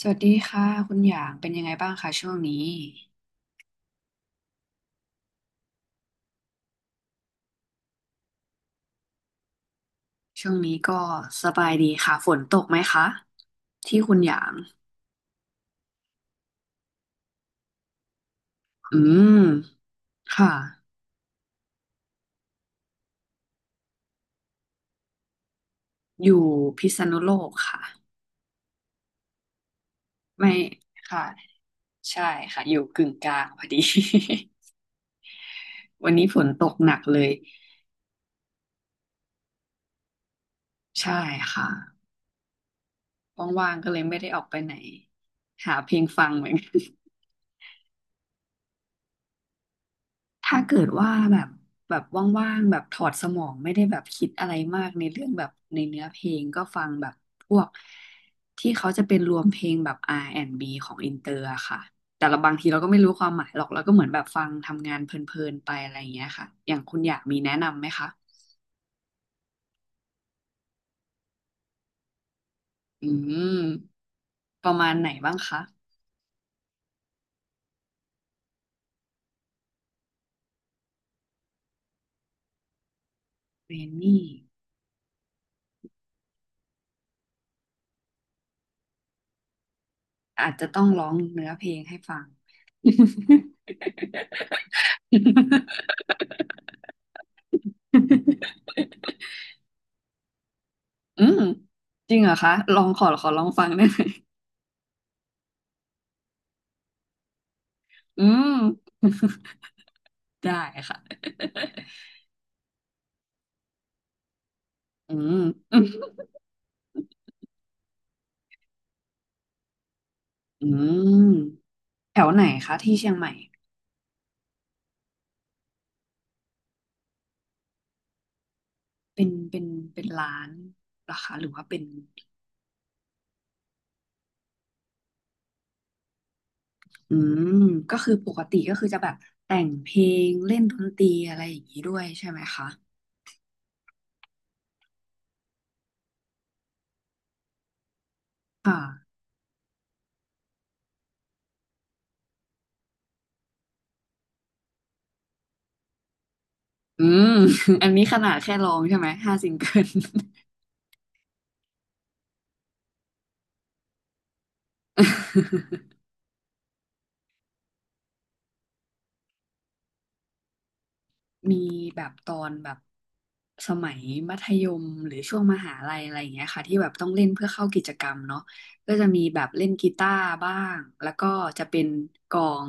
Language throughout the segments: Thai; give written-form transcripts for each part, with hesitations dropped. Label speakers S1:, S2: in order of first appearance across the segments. S1: สวัสดีค่ะคุณหยางเป็นยังไงบ้างคะช่วงนี้ช่วงนี้ก็สบายดีค่ะฝนตกไหมคะที่คุณหยางอืมค่ะอยู่พิษณุโลกค่ะไม่ค่ะใช่ค่ะอยู่กึ่งกลางพอดี วันนี้ฝนตกหนักเลยใช่ค่ะว่างๆก็เลยไม่ได้ออกไปไหนหาเพลงฟังเหมือนกัน ถ้าเกิดว่าแบบแบบว่างๆแบบถอดสมองไม่ได้แบบคิดอะไรมากในเรื่องแบบในเนื้อเพลงก็ฟังแบบพวกที่เขาจะเป็นรวมเพลงแบบ R&B ของอินเตอร์อะค่ะแต่เราบางทีเราก็ไม่รู้ความหมายหรอกเราก็เหมือนแบบฟังทำงานเพลินๆไปอะไรอย่างเงี้ยค่ะอย่างคุณอยากมีแนะนำไหมคะอืมประมาณไหนบ้างคะเรนนี่อาจจะต้องร้องเนื้อเพลงให้ฟัง อืมจริงเหรอคะลองขอขอลองฟังได้ไหมอืม ได้ค่ะ อืม อืมแถวไหนคะที่เชียงใหม่เป็นเป็นเป็นร้านเหรอคะหรือว่าเป็นอืมก็คือปกติก็คือจะแบบแต่งเพลงเล่นดนตรีอะไรอย่างนี้ด้วยใช่ไหมคะค่ะอืม อันนี้ขนาดแค่ร้องใช่ไหมห้าซิงเกิล มีแบบตอนแบบสมัยมัธยมหรือช่วงมหาลัยอะไรอย่างเงี้ยค่ะที่แบบต้องเล่นเพื่อเข้ากิจกรรมเนาะก็จะมีแบบเล่นกีตาร์บ้างแล้วก็จะเป็นกลอง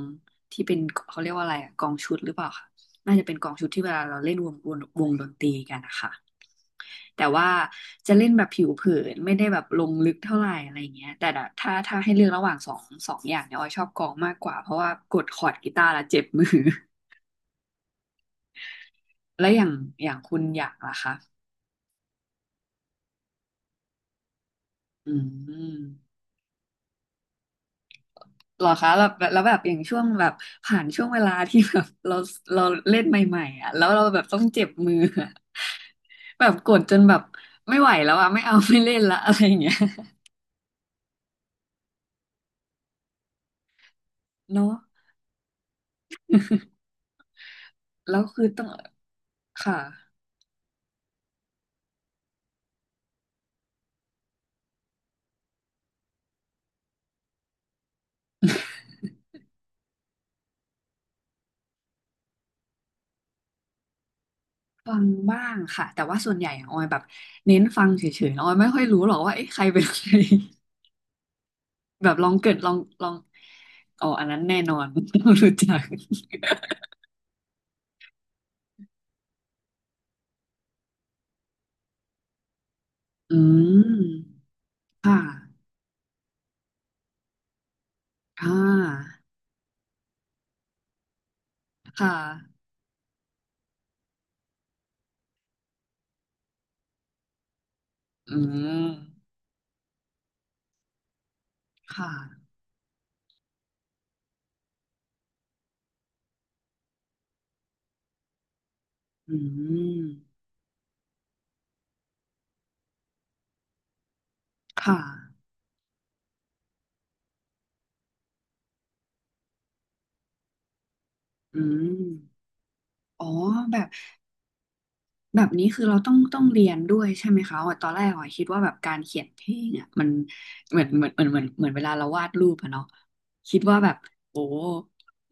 S1: ที่เป็นเขาเรียกว่าอะไรอะกลองชุดหรือเปล่าค่ะน่าจะเป็นกลองชุดที่เวลาเราเล่นวงดนตรีกันนะคะแต่ว่าจะเล่นแบบผิวเผินไม่ได้แบบลงลึกเท่าไหร่อะไรอย่างเงี้ยแต่ถ้าให้เลือกระหว่างสองอย่างเนี่ยออยชอบกลองมากกว่าเพราะว่ากดคอร์ดกีตาร์แล้วเจ็บมือ และอย่างอย่างคุณอยากล่ะคะ อืมเหรอคะแล้วแล้วแบบอย่างช่วงแบบผ่านช่วงเวลาที่แบบเราเล่นใหม่ๆอ่ะแล้วเราแบบต้องเจ็บมืออะ แบบกดจนแบบไม่ไหวแล้วอ่ะไม่เอาไม่เล่นละอะไรอย่างเงี้ย เนาะ แล้วคือต้องค่ะฟังบ้างค่ะแต่ว่าส่วนใหญ่อะออยแบบเน้นฟังเฉยๆนะออยไม่ค่อยรู้หรอกว่าเอ๊ะใครเป็นใคร แบบลองเกิดลองอ๋ออันนั้นแน่นอน รู้จัก อืมค่ะอ่า ค่ะอืมค่ะ อืม ค่ะ อืม อ๋อแบบแบบนี้คือเราต้องต้องเรียนด้วยใช่ไหมคะอ๋อตอนแรกอ๋อคิดว่าแบบการเขียนเพลงอ่ะมันเหมือนเหมือนเหมือนเหมือนเหมือนเวลาเราวาดรูปอะเนาะคิดว่าแบบโอ้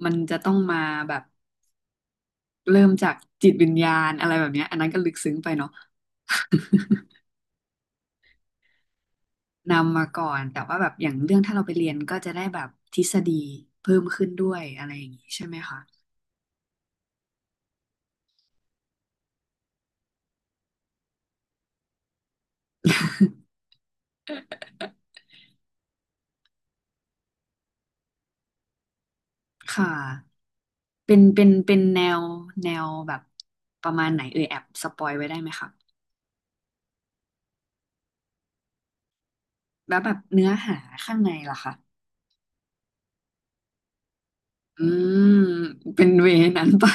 S1: มันจะต้องมาแบบเริ่มจากจิตวิญญาณอะไรแบบเนี้ยอันนั้นก็ลึกซึ้งไปเนาะ นำมาก่อน แต่ว่าแบบอย่างเรื่องถ้าเราไปเรียนก็จะได้แบบทฤษฎีเพิ่มขึ้นด้วยอะไรอย่างนี้ใช่ไหมคะ ค่ะ เป็นเป็นเป็นแนวแนวแบบประมาณไหนเอ่ยแอบสปอยไว้ได้ไหมคะแล้วแบบเนื้อหาข้างในล่ะคะอืม เป็นเวนั้นไป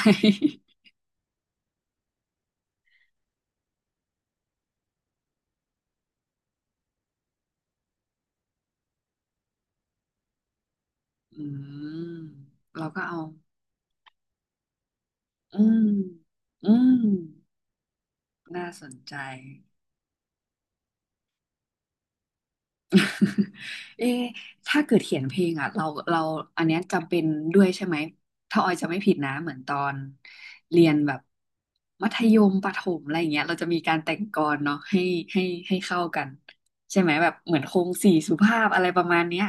S1: อืมเราก็เอา อืม อืม น่าสนใจ เอ๊ะถ้าเกิดเขียนเพลงอ่ะเราอันเนี้ยจำเป็นด้วยใช่ไหมถ้าออยจะไม่ผิดนะเหมือนตอนเรียนแบบมัธยมประถมอะไรอย่างเงี้ยเราจะมีการแต่งกลอนเนาะให้ให้เข้ากันใช่ไหมแบบเหมือนโครงสี่สุภาพอะไรประมาณเนี้ย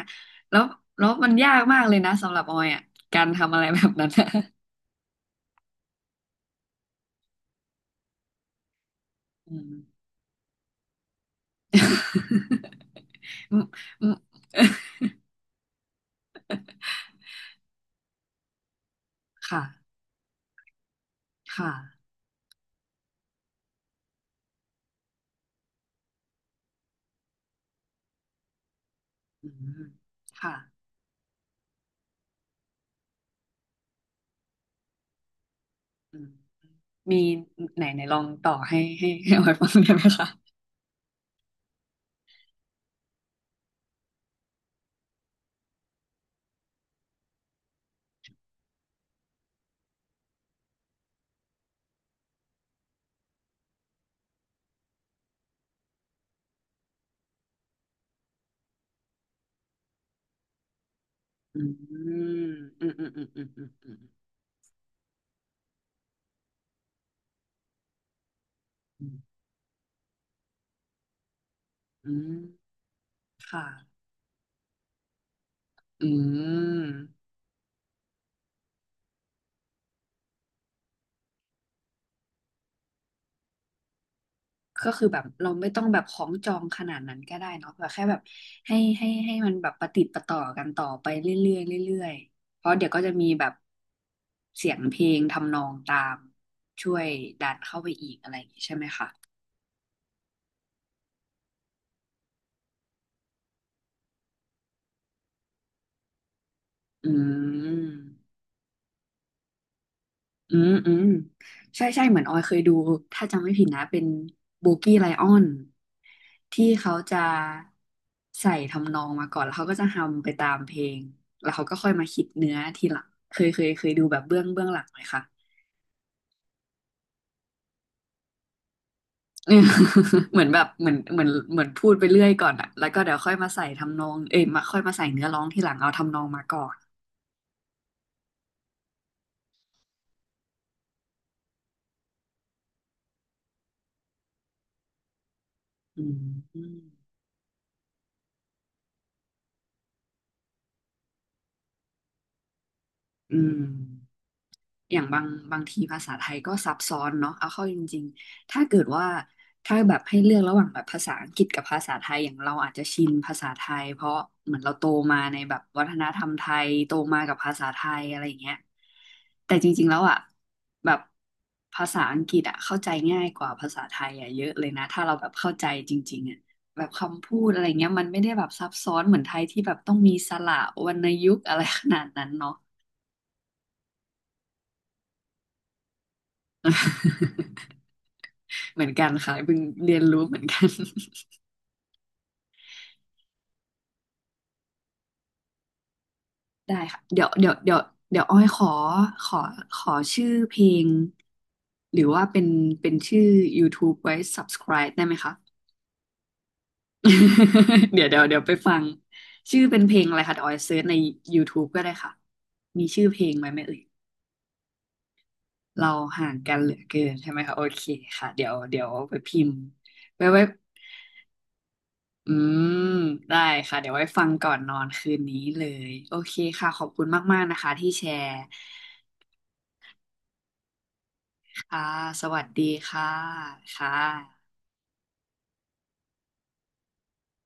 S1: แล้วแล้วมันยากมากเลยนะสำหรับออยอ่ะการทำอะไรแบบนั้นอะอืม อืมอืมค่ะค่ะอืมค่ะอืม มีไหนไหนลองต่อให้ออยฟังได้ไหมคะอืมอืมอืมอืมอืมอืมอืมอืมค่ะ อืม ก็คือแบบเราไม่ต้องแบบของจองขนาดนั้นก็ได้เนาะแบบแค่แบบให้มันแบบประติดประต่อกันต่อไปเรื่อยๆเรื่อยๆ เพราะเดี๋ยวก็จะมีแบบเสียงเพลงทำนองตามช่วยดันเข้าไปอีกอะไรอย่างงี้ใช่ไหมคะอืม อืมใช่ใช่เหมือนออยเคยดูถ้าจำไม่ผิดนะเป็นโบกี้ไลออนที่เขาจะใส่ทำนองมาก่อนแล้วเขาก็จะฮัมไปตามเพลงแล้วเขาก็ค่อยมาคิดเนื้อทีหลังเคยดูแบบเบื้องเบื้องหลังไหมคะเออ เหมือนแบบเหมือนพูดไปเรื่อยก่อนอะแล้วก็เดี๋ยวค่อยมาใส่ทำนองเอ้ยมาค่อยมาใส่เนื้อร้องทีหลังเอาทำนองมาก่อนอืมอืม อย่างบางบางทีภาษาไทยก็ซับซ้อนเนาะเอาเข้าจริงๆถ้าเกิดว่าถ้าแบบให้เลือกระหว่างแบบภาษาอังกฤษกับภาษาไทยอย่างเราอาจจะชินภาษาไทยเพราะเหมือนเราโตมาในแบบวัฒนธรรมไทยโตมากับภาษาไทยอะไรอย่างเงี้ยแต่จริงๆแล้วอ่ะแบบภาษาอังกฤษอ่ะเข้าใจง่ายกว่าภาษาไทยอ่ะเยอะเลยนะถ้าเราแบบเข้าใจจริงๆอ่ะแบบคำพูดอะไรเงี้ยมันไม่ได้แบบซับซ้อนเหมือนไทยที่แบบต้องมีสระวรรณยุกต์อะไรขนาดนั้นเนาะ เหมือนกันค่ะเพิ่งเรียนรู้เหมือนกัน ได้ค่ะเดี๋ยวอ้อยขอขอชื่อเพลงหรือว่าเป็นเป็นชื่อ YouTube ไว้ subscribe ได้ไหมคะ เดี๋ยวไปฟังชื่อเป็นเพลงอะไรคะเดี๋ยวอ้อยเซิร์ชใน YouTube ก็ได้ค่ะมีชื่อเพลงไหมไม่เอ่ยเราห่างกันเหลือเกินใช่ไหมคะโอเคค่ะเดี๋ยวไปพิมพ์ไว้ไว้ อืมได้ค่ะเดี๋ยวไว้ฟังก่อนนอนคืนนี้เลยโอเคค่ะขอบคุณมากๆนะคะที่แชร์ค่ะสวัสดีค่ะค่ะ